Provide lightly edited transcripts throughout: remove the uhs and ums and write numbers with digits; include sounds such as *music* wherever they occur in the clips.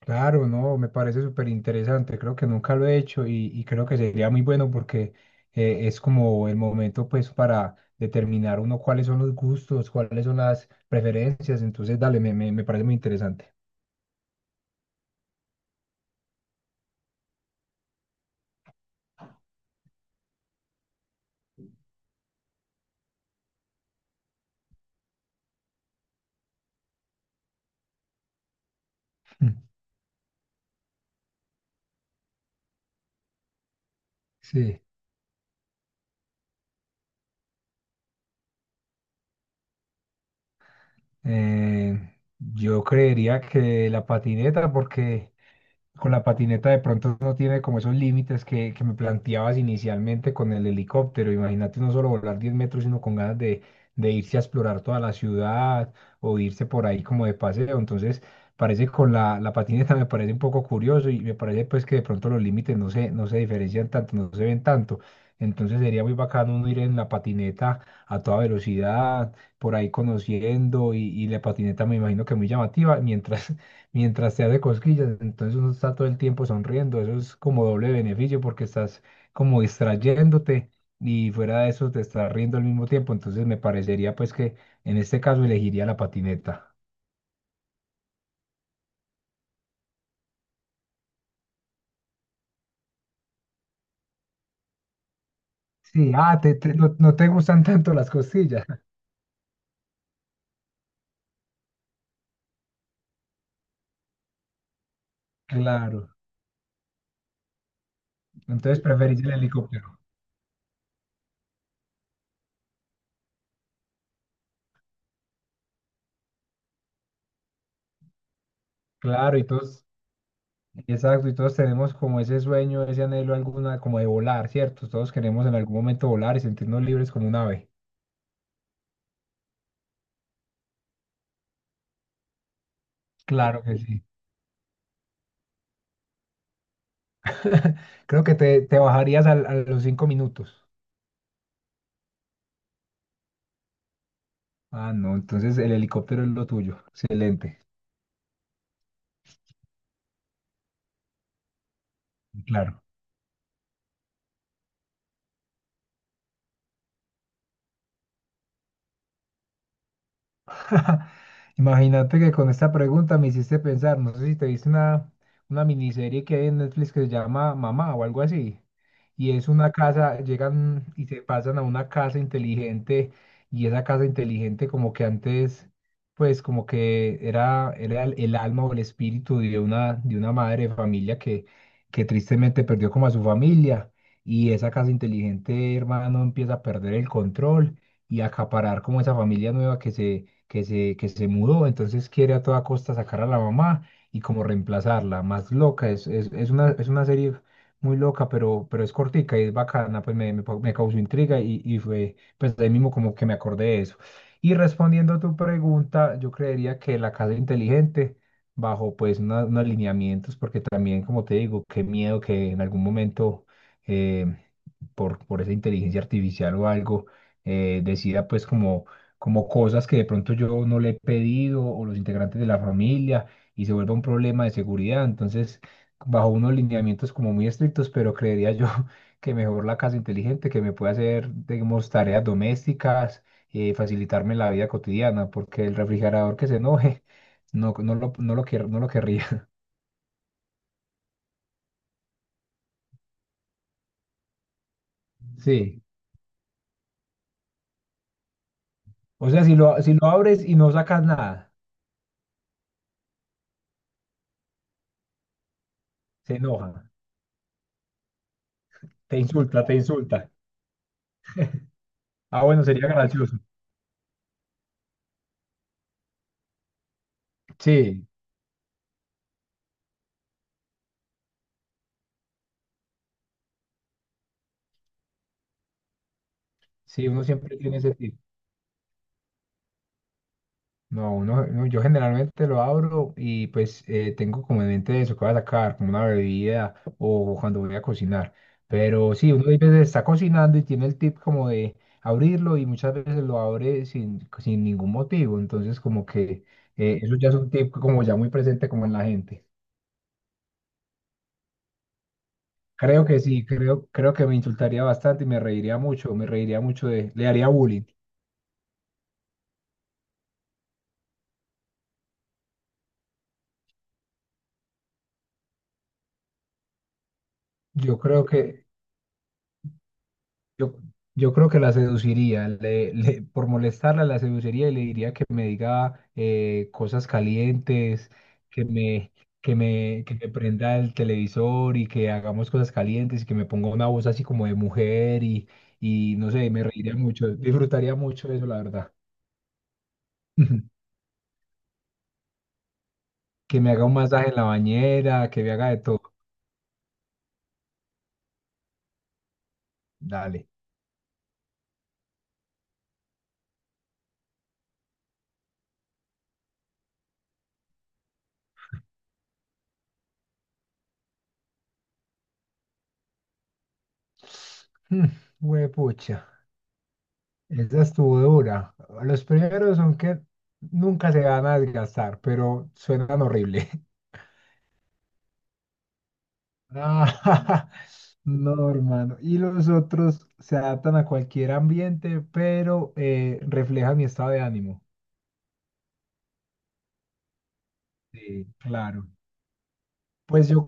Claro, no, me parece súper interesante. Creo que nunca lo he hecho y creo que sería muy bueno porque es como el momento pues para determinar uno cuáles son los gustos, cuáles son las preferencias. Entonces dale, me parece muy interesante. *laughs* Sí. Eh, yo creería que la patineta, porque con la patineta de pronto no tiene como esos límites que me planteabas inicialmente con el helicóptero. Imagínate no solo volar 10 metros, sino con ganas de irse a explorar toda la ciudad o irse por ahí como de paseo. Entonces, parece con la patineta me parece un poco curioso y me parece pues que de pronto los límites no se diferencian tanto, no se ven tanto. Entonces sería muy bacano uno ir en la patineta a toda velocidad por ahí conociendo y la patineta me imagino que muy llamativa, mientras, *laughs* mientras te hace cosquillas. Entonces uno está todo el tiempo sonriendo. Eso es como doble beneficio, porque estás como distrayéndote y fuera de eso te estás riendo al mismo tiempo. Entonces me parecería pues que en este caso elegiría la patineta. Sí, ah, no, no te gustan tanto las costillas. *laughs* Claro, entonces preferís el helicóptero. Claro, exacto, y todos tenemos como ese sueño, ese anhelo alguna, como de volar, ¿cierto? Todos queremos en algún momento volar y sentirnos libres como un ave. Claro que sí. *laughs* Creo que te bajarías a los 5 minutos. Ah, no, entonces el helicóptero es lo tuyo. Excelente, claro. *laughs* Imagínate que con esta pregunta me hiciste pensar, no sé si te viste una miniserie que hay en Netflix que se llama Mamá o algo así, y es una casa, llegan y se pasan a una casa inteligente, y esa casa inteligente como que antes, pues como que era el alma o el espíritu de una madre de familia que tristemente perdió como a su familia. Y esa casa inteligente, hermano, empieza a perder el control y a acaparar como esa familia nueva que se mudó. Entonces quiere a toda costa sacar a la mamá y como reemplazarla, más loca. Es una serie muy loca, pero es cortica y es bacana. Pues me causó intriga y fue, pues de ahí mismo como que me acordé de eso. Y respondiendo a tu pregunta, yo creería que la casa inteligente, bajo pues unos lineamientos, porque también, como te digo, qué miedo que en algún momento eh, por esa inteligencia artificial o algo, decida pues como cosas que de pronto yo no le he pedido o los integrantes de la familia, y se vuelva un problema de seguridad. Entonces, bajo unos lineamientos como muy estrictos, pero creería yo *laughs* que mejor la casa inteligente, que me puede hacer, digamos, tareas domésticas, facilitarme la vida cotidiana, porque el refrigerador que se enoje, *laughs* no, no lo, no lo querría. *laughs* Sí. O sea, si lo abres y no sacas nada, se enoja, te insulta, te insulta. Ah, bueno, sería gracioso. Sí, sí, uno siempre tiene ese tipo. No, yo generalmente lo abro, y pues tengo como en mente eso que voy a sacar, como una bebida o cuando voy a cocinar. Pero sí, uno a veces está cocinando y tiene el tip como de abrirlo, y muchas veces lo abre sin ningún motivo. Entonces como que eso ya es un tip como ya muy presente como en la gente. Creo que sí, creo que me insultaría bastante y me reiría mucho de, le haría bullying. Yo creo que, Yo, yo creo que la seduciría, por molestarla la seduciría, y le diría que me diga cosas calientes, que me, que me prenda el televisor, y que hagamos cosas calientes, y que me ponga una voz así como de mujer, y no sé, me reiría mucho, disfrutaría mucho de eso, la verdad. *laughs* Que me haga un masaje en la bañera, que me haga de todo. Dale. *laughs* Mm, Huepucha. Esa estuvo dura. Los primeros son que nunca se van a desgastar, pero suenan horrible. *laughs* Ah, *laughs* no, hermano. Y los otros se adaptan a cualquier ambiente, pero reflejan mi estado de ánimo. Sí, claro. Pues yo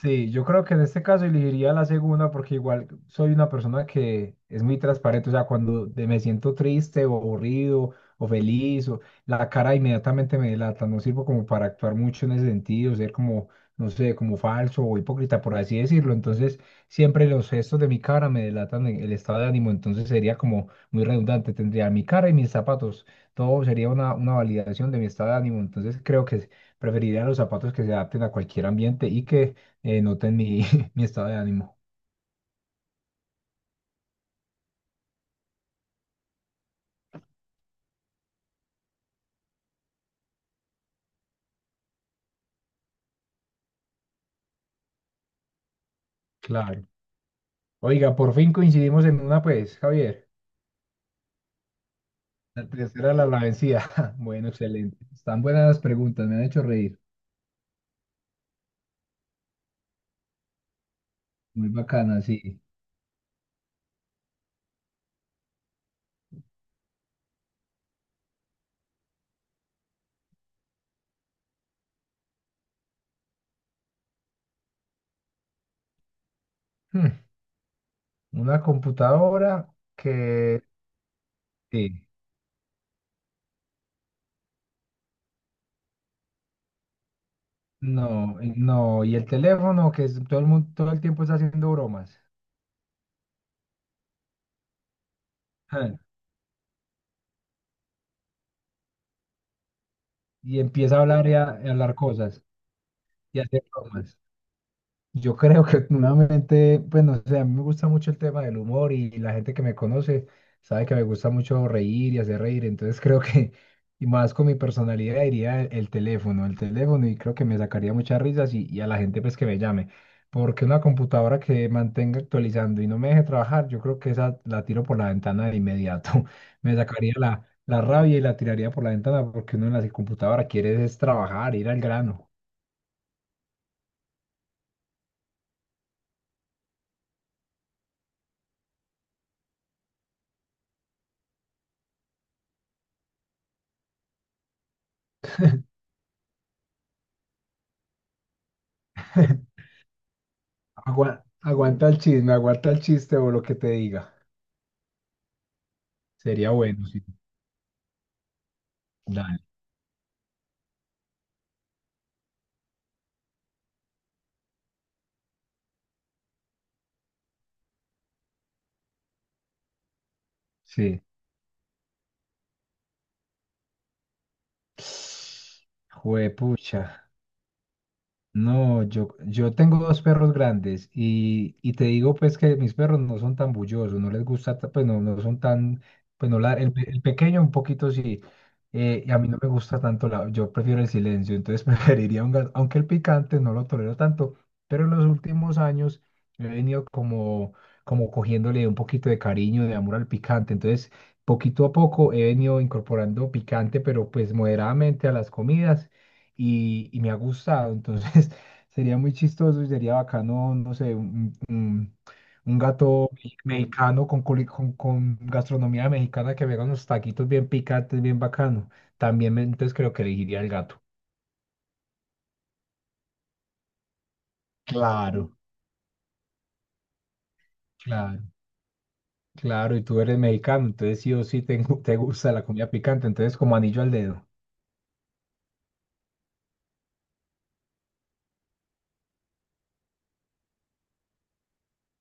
Sí, yo creo que en este caso elegiría la segunda, porque igual soy una persona que es muy transparente. O sea, cuando me siento triste o aburrido o feliz, la cara inmediatamente me delata. No sirvo como para actuar mucho en ese sentido, ser como, no sé, como falso o hipócrita, por así decirlo. Entonces siempre los gestos de mi cara me delatan el estado de ánimo. Entonces sería como muy redundante, tendría mi cara y mis zapatos, todo sería una validación de mi estado de ánimo. Entonces creo que preferiría los zapatos que se adapten a cualquier ambiente y que noten mi, *laughs* mi estado de ánimo. Claro. Oiga, por fin coincidimos en una, pues, Javier. La tercera la vencida. *laughs* Bueno, excelente. Están buenas las preguntas, me han hecho reír. Muy bacana, sí. Hmm, Una computadora que. Sí. No, no. Y el teléfono que todo el mundo, todo el tiempo está haciendo bromas. Ah, y empieza a hablar y a hablar cosas y a hacer bromas. Yo creo que nuevamente, pues no sé, a mí me gusta mucho el tema del humor, y la gente que me conoce sabe que me gusta mucho reír y hacer reír. Entonces creo que, y más con mi personalidad, diría el teléfono, el teléfono, y creo que me sacaría muchas risas, y a la gente pues que me llame, porque una computadora que mantenga actualizando y no me deje trabajar, yo creo que esa la tiro por la ventana de inmediato. *laughs* Me sacaría la rabia y la tiraría por la ventana, porque uno en la computadora quiere es trabajar, ir al grano. Aguanta el chisme, aguanta el chiste o lo que te diga. Sería bueno, sí. Dale. Sí. Juepucha. No, yo tengo dos perros grandes, y te digo pues que mis perros no son tan bullosos, no les gusta, pues no, no son tan, pues no, el pequeño un poquito sí, y a mí no me gusta tanto, yo prefiero el silencio. Entonces *laughs* preferiría un gato, aunque el picante no lo tolero tanto, pero en los últimos años he venido como, cogiéndole un poquito de cariño, de amor al picante. Entonces poquito a poco he venido incorporando picante, pero pues moderadamente a las comidas, y me ha gustado. Entonces, *laughs* sería muy chistoso y sería bacano, no sé, un gato mexicano con gastronomía mexicana, que me haga unos taquitos bien picantes, bien bacano. También, entonces creo que elegiría el gato. Claro, Claro, claro, y tú eres mexicano, entonces sí o sí te gusta la comida picante, entonces como anillo al dedo.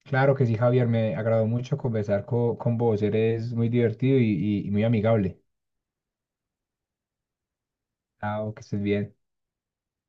Claro que sí, Javier, me agradó mucho conversar con vos, eres muy divertido y muy amigable. Chao, que estés bien.